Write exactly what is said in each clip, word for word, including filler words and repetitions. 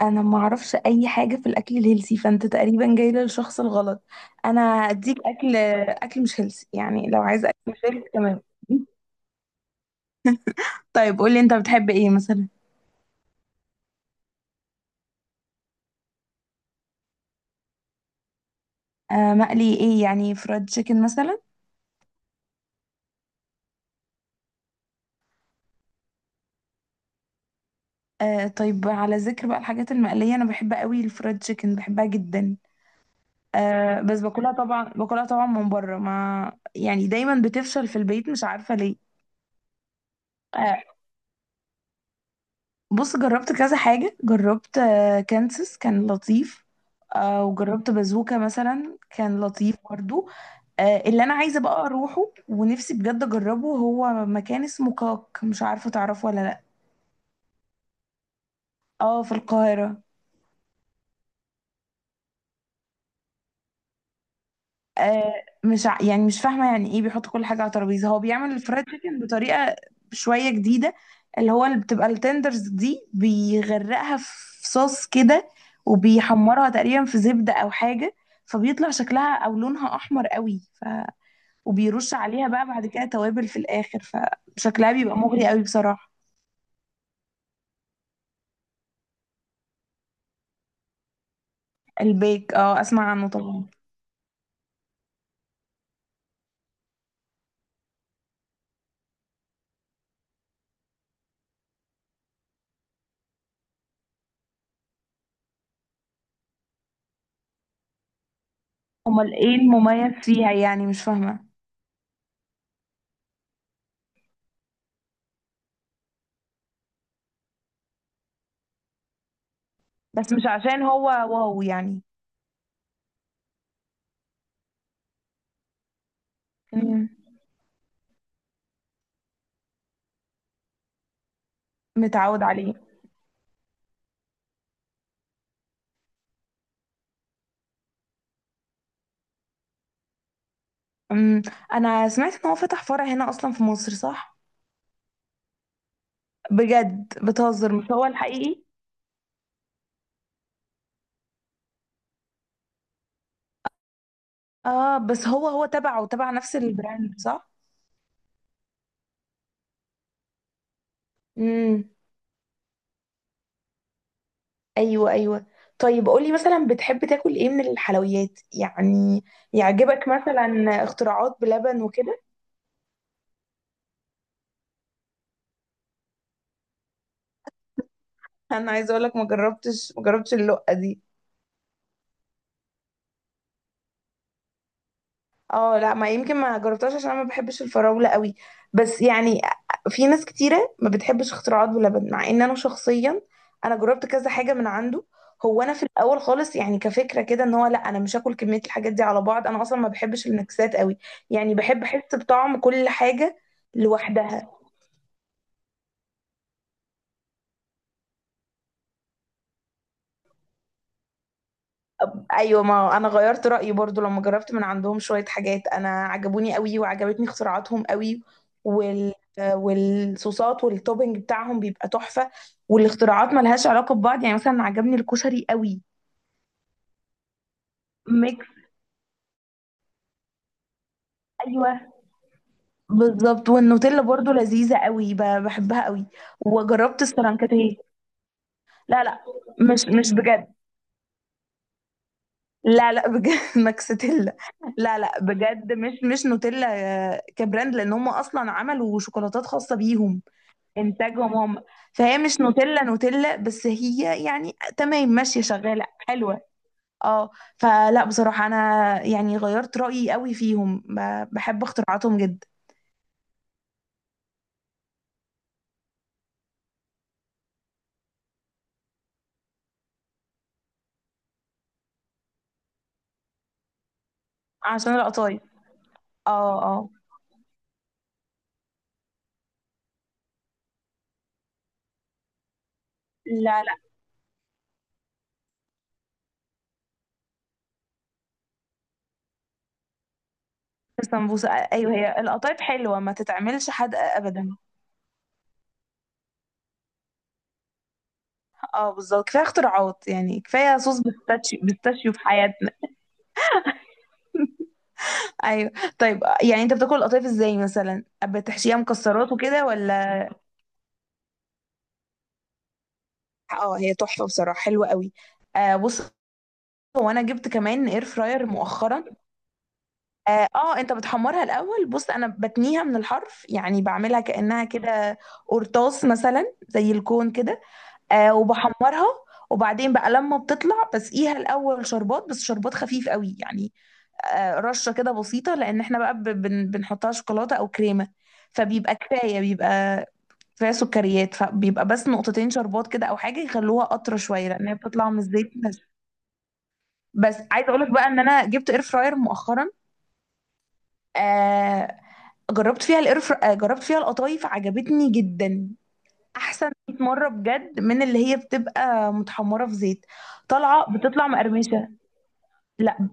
انا ما اعرفش اي حاجه في الاكل الهيلثي، فانت تقريبا جاي للشخص الغلط. انا اديك اكل اكل مش هيلثي يعني، لو عايزه اكل مش هيلثي، تمام؟ طيب، قولي انت بتحب ايه مثلا؟ آه، مقلي ايه يعني؟ فرايد تشيكن مثلا؟ آه طيب، على ذكر بقى الحاجات المقليه، انا بحب قوي الفرايد تشيكن، بحبها جدا. آه، بس باكلها طبعا باكلها طبعا من بره، ما يعني دايما بتفشل في البيت، مش عارفه ليه. آه، بص، جربت كذا حاجة، جربت آه، كانسس، كان لطيف. آه، وجربت بازوكا مثلا، كان لطيف برضو. آه، اللي انا عايزة بقى اروحه ونفسي بجد اجربه هو مكان اسمه كاك، مش عارفة تعرفه ولا لا؟ اه، في القاهرة. آه مش ع- يعني مش فاهمه، يعني ايه بيحط كل حاجه على ترابيزه؟ هو بيعمل الفرايد تشيكن بطريقه شويه جديده، اللي هو اللي بتبقى التندرز دي بيغرقها في صوص كده، وبيحمرها تقريبا في زبده او حاجه. فبيطلع شكلها او لونها احمر قوي ف... وبيرش عليها بقى بعد كده توابل في الاخر، فشكلها بيبقى مغري قوي بصراحه. البيك، اه، اسمع عنه طبعا. امال ايه المميز فيها يعني؟ مش فاهمه. بس مش عشان هو واو يعني. مم. متعود عليه. أمم، انا سمعت ان هو فتح فرع هنا اصلا في مصر، صح؟ بجد بتهزر؟ مش هو الحقيقي؟ اه، بس هو هو تبعه تبع نفس البراند، صح؟ امم ايوه، ايوه. طيب، قولي مثلا بتحب تاكل ايه من الحلويات يعني؟ يعجبك مثلا اختراعات بلبن وكده؟ انا عايزه اقول لك، ما جربتش ما جربتش اللقه دي. اه لا، ما يمكن ما جربتهاش عشان انا ما بحبش الفراولة قوي، بس يعني في ناس كتيرة ما بتحبش اختراعات بلبن، مع ان انا شخصيا انا جربت كذا حاجة من عنده. هو انا في الاول خالص يعني، كفكرة كده ان هو، لا انا مش هاكل كمية الحاجات دي على بعض، انا اصلا ما بحبش النكسات قوي، يعني بحب احس بطعم كل حاجة لوحدها. ايوه، ما انا غيرت رايي برضو لما جربت من عندهم شويه حاجات، انا عجبوني قوي، وعجبتني اختراعاتهم قوي، وال والصوصات والتوبنج بتاعهم بيبقى تحفه. والاختراعات ملهاش علاقه ببعض، يعني مثلا عجبني الكشري قوي، ميكس. ايوه، بالظبط، والنوتيلا برضو لذيذه قوي، ب- بحبها قوي. وجربت السلانكاتيه. لا، لا، مش مش بجد. لا، لا، بجد. ماكساتيلا. لا، لا، بجد، مش مش نوتيلا. آه، كبراند لان هم اصلا عملوا شوكولاتات خاصه بيهم، انتاجهم هم. فهي مش نوتيلا نوتيلا، بس هي يعني تمام، ماشيه شغاله حلوه. اه. فلا بصراحه، انا يعني غيرت رايي قوي فيهم، ب- بحب اختراعاتهم جدا. عشان القطايف. اه، اه. لا، لا. السمبوسه، ايوه، هي القطايف حلوه ما تتعملش حادقه ابدا. اه، بالظبط، كفايه اختراعات يعني، كفايه صوص بيستاشيو بيستاشيو في حياتنا. ايوه. طيب، يعني انت بتاكل القطايف ازاي مثلا؟ بتحشيها مكسرات وكده ولا؟ اه، هي تحفه بصراحه، حلوه قوي. آه، بص، وانا جبت كمان اير فراير مؤخرا. اه. آه، انت بتحمرها الاول، بص، انا بتنيها من الحرف يعني، بعملها كانها كده قرطاس مثلا، زي الكون كده. آه وبحمرها، وبعدين بقى لما بتطلع بسقيها الاول شربات، بس شربات خفيف قوي يعني. آه رشه كده بسيطه، لان احنا بقى ب- بن بنحطها شوكولاته او كريمه، فبيبقى كفايه، بيبقى كفايه سكريات، فبيبقى بس نقطتين شربات كده او حاجه، يخلوها قطره شويه، لان هي بتطلع من الزيت. بس عايزه اقول لك بقى ان انا جبت اير فراير مؤخرا. آه جربت فيها القرف، آه جربت فيها القطايف، عجبتني جدا، احسن مية مره بجد من اللي هي بتبقى متحمره في زيت. طالعه بتطلع مقرمشه. لا.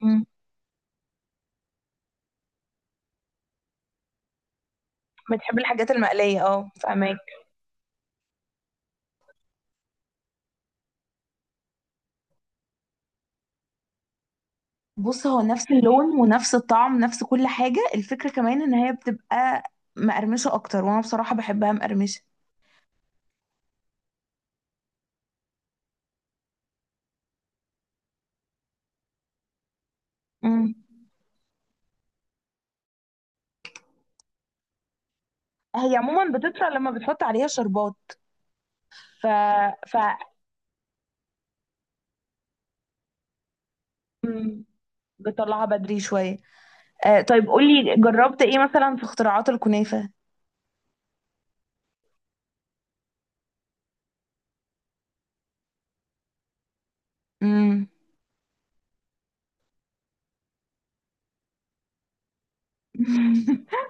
مم. بتحب الحاجات المقليه، اه، فاهمك. بص، هو نفس اللون ونفس الطعم، نفس كل حاجه، الفكره كمان ان هي بتبقى مقرمشه اكتر، وانا بصراحه بحبها مقرمشه. مم. هي عموما بتطلع لما بتحط عليها شربات. ف ف مم. بتطلعها بدري شويه. آه طيب، قولي جربت ايه مثلا في اختراعات الكنافة؟ امم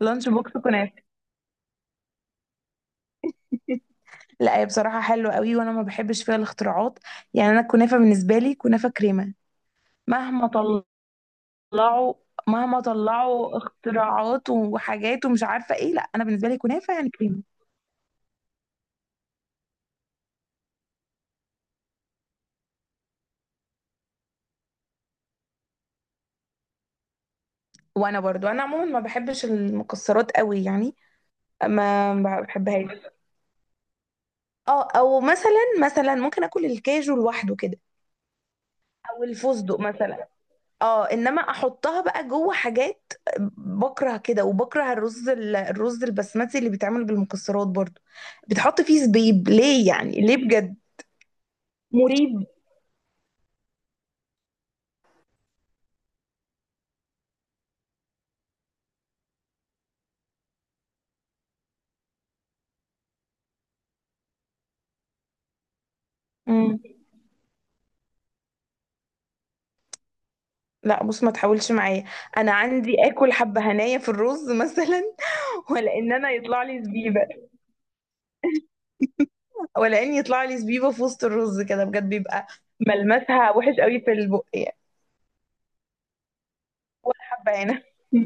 لانش بوكس كنافة! لا، هي بصراحة حلوة قوي، وانا ما بحبش فيها الاختراعات، يعني انا الكنافة بالنسبة لي كنافة كريمة. مهما طلعوا مهما طلعوا اختراعات وحاجات ومش عارفة ايه، لا انا بالنسبة لي كنافة يعني كريمة. وانا برضو، انا عموما ما بحبش المكسرات قوي يعني، ما ما بحبهاش. اه، او مثلا مثلا ممكن اكل الكاجو لوحده كده، او الفستق مثلا. اه، انما احطها بقى جوه حاجات، بكره كده، وبكره الرز ال- الرز البسمتي اللي بيتعمل بالمكسرات برضو. بتحط فيه زبيب ليه؟ يعني ليه بجد؟ مريب. مم. لا، بص، ما تحاولش معايا. انا عندي اكل حبه هنايا في الرز مثلا. ولا ان انا يطلع لي زبيبه، ولا ان يطلع لي زبيبه في وسط الرز كده، بجد بيبقى ملمسها وحش قوي في البق يعني، ولا حبه هنا.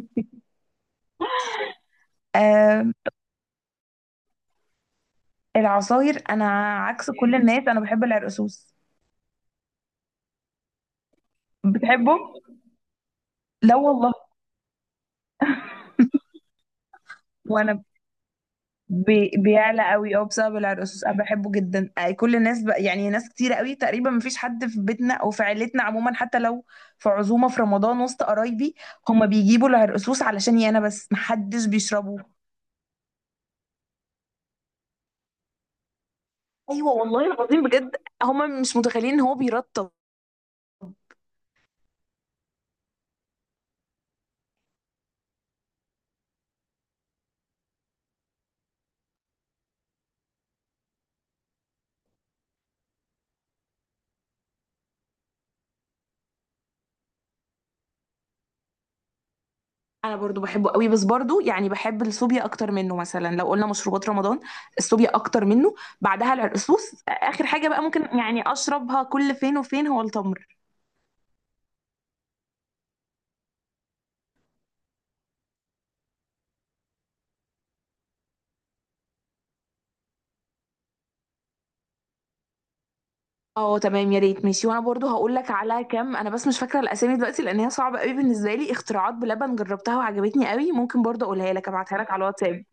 آه. العصاير، انا عكس كل الناس، انا بحب العرقسوس. بتحبه؟ لا والله. وانا بي... بيعلى قوي، اه، بسبب العرقسوس، انا بحبه جدا، آه، كل الناس ب... يعني ناس كتير قوي، تقريبا مفيش حد في بيتنا او في عيلتنا عموما، حتى لو في عزومه في رمضان وسط قرايبي، هما بيجيبوا العرقسوس علشاني انا، بس محدش بيشربه. ايوه والله العظيم، بجد. هما مش متخيلين ان هو بيرطب. انا برضو بحبه قوي، بس برضو يعني بحب السوبيا اكتر منه، مثلا لو قلنا مشروبات رمضان، السوبيا اكتر منه. بعدها العرقسوس، اخر حاجه بقى ممكن يعني اشربها كل فين وفين هو التمر. اه تمام، يا ريت، ماشي. وانا برضو هقول لك على كام، انا بس مش فاكره الاسامي دلوقتي لان هي صعبه قوي بالنسبه لي، اختراعات بلبن جربتها وعجبتني قوي، ممكن برضو اقولها لك، ابعتها لك على الواتساب.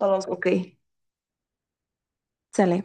خلاص، اوكي. سلام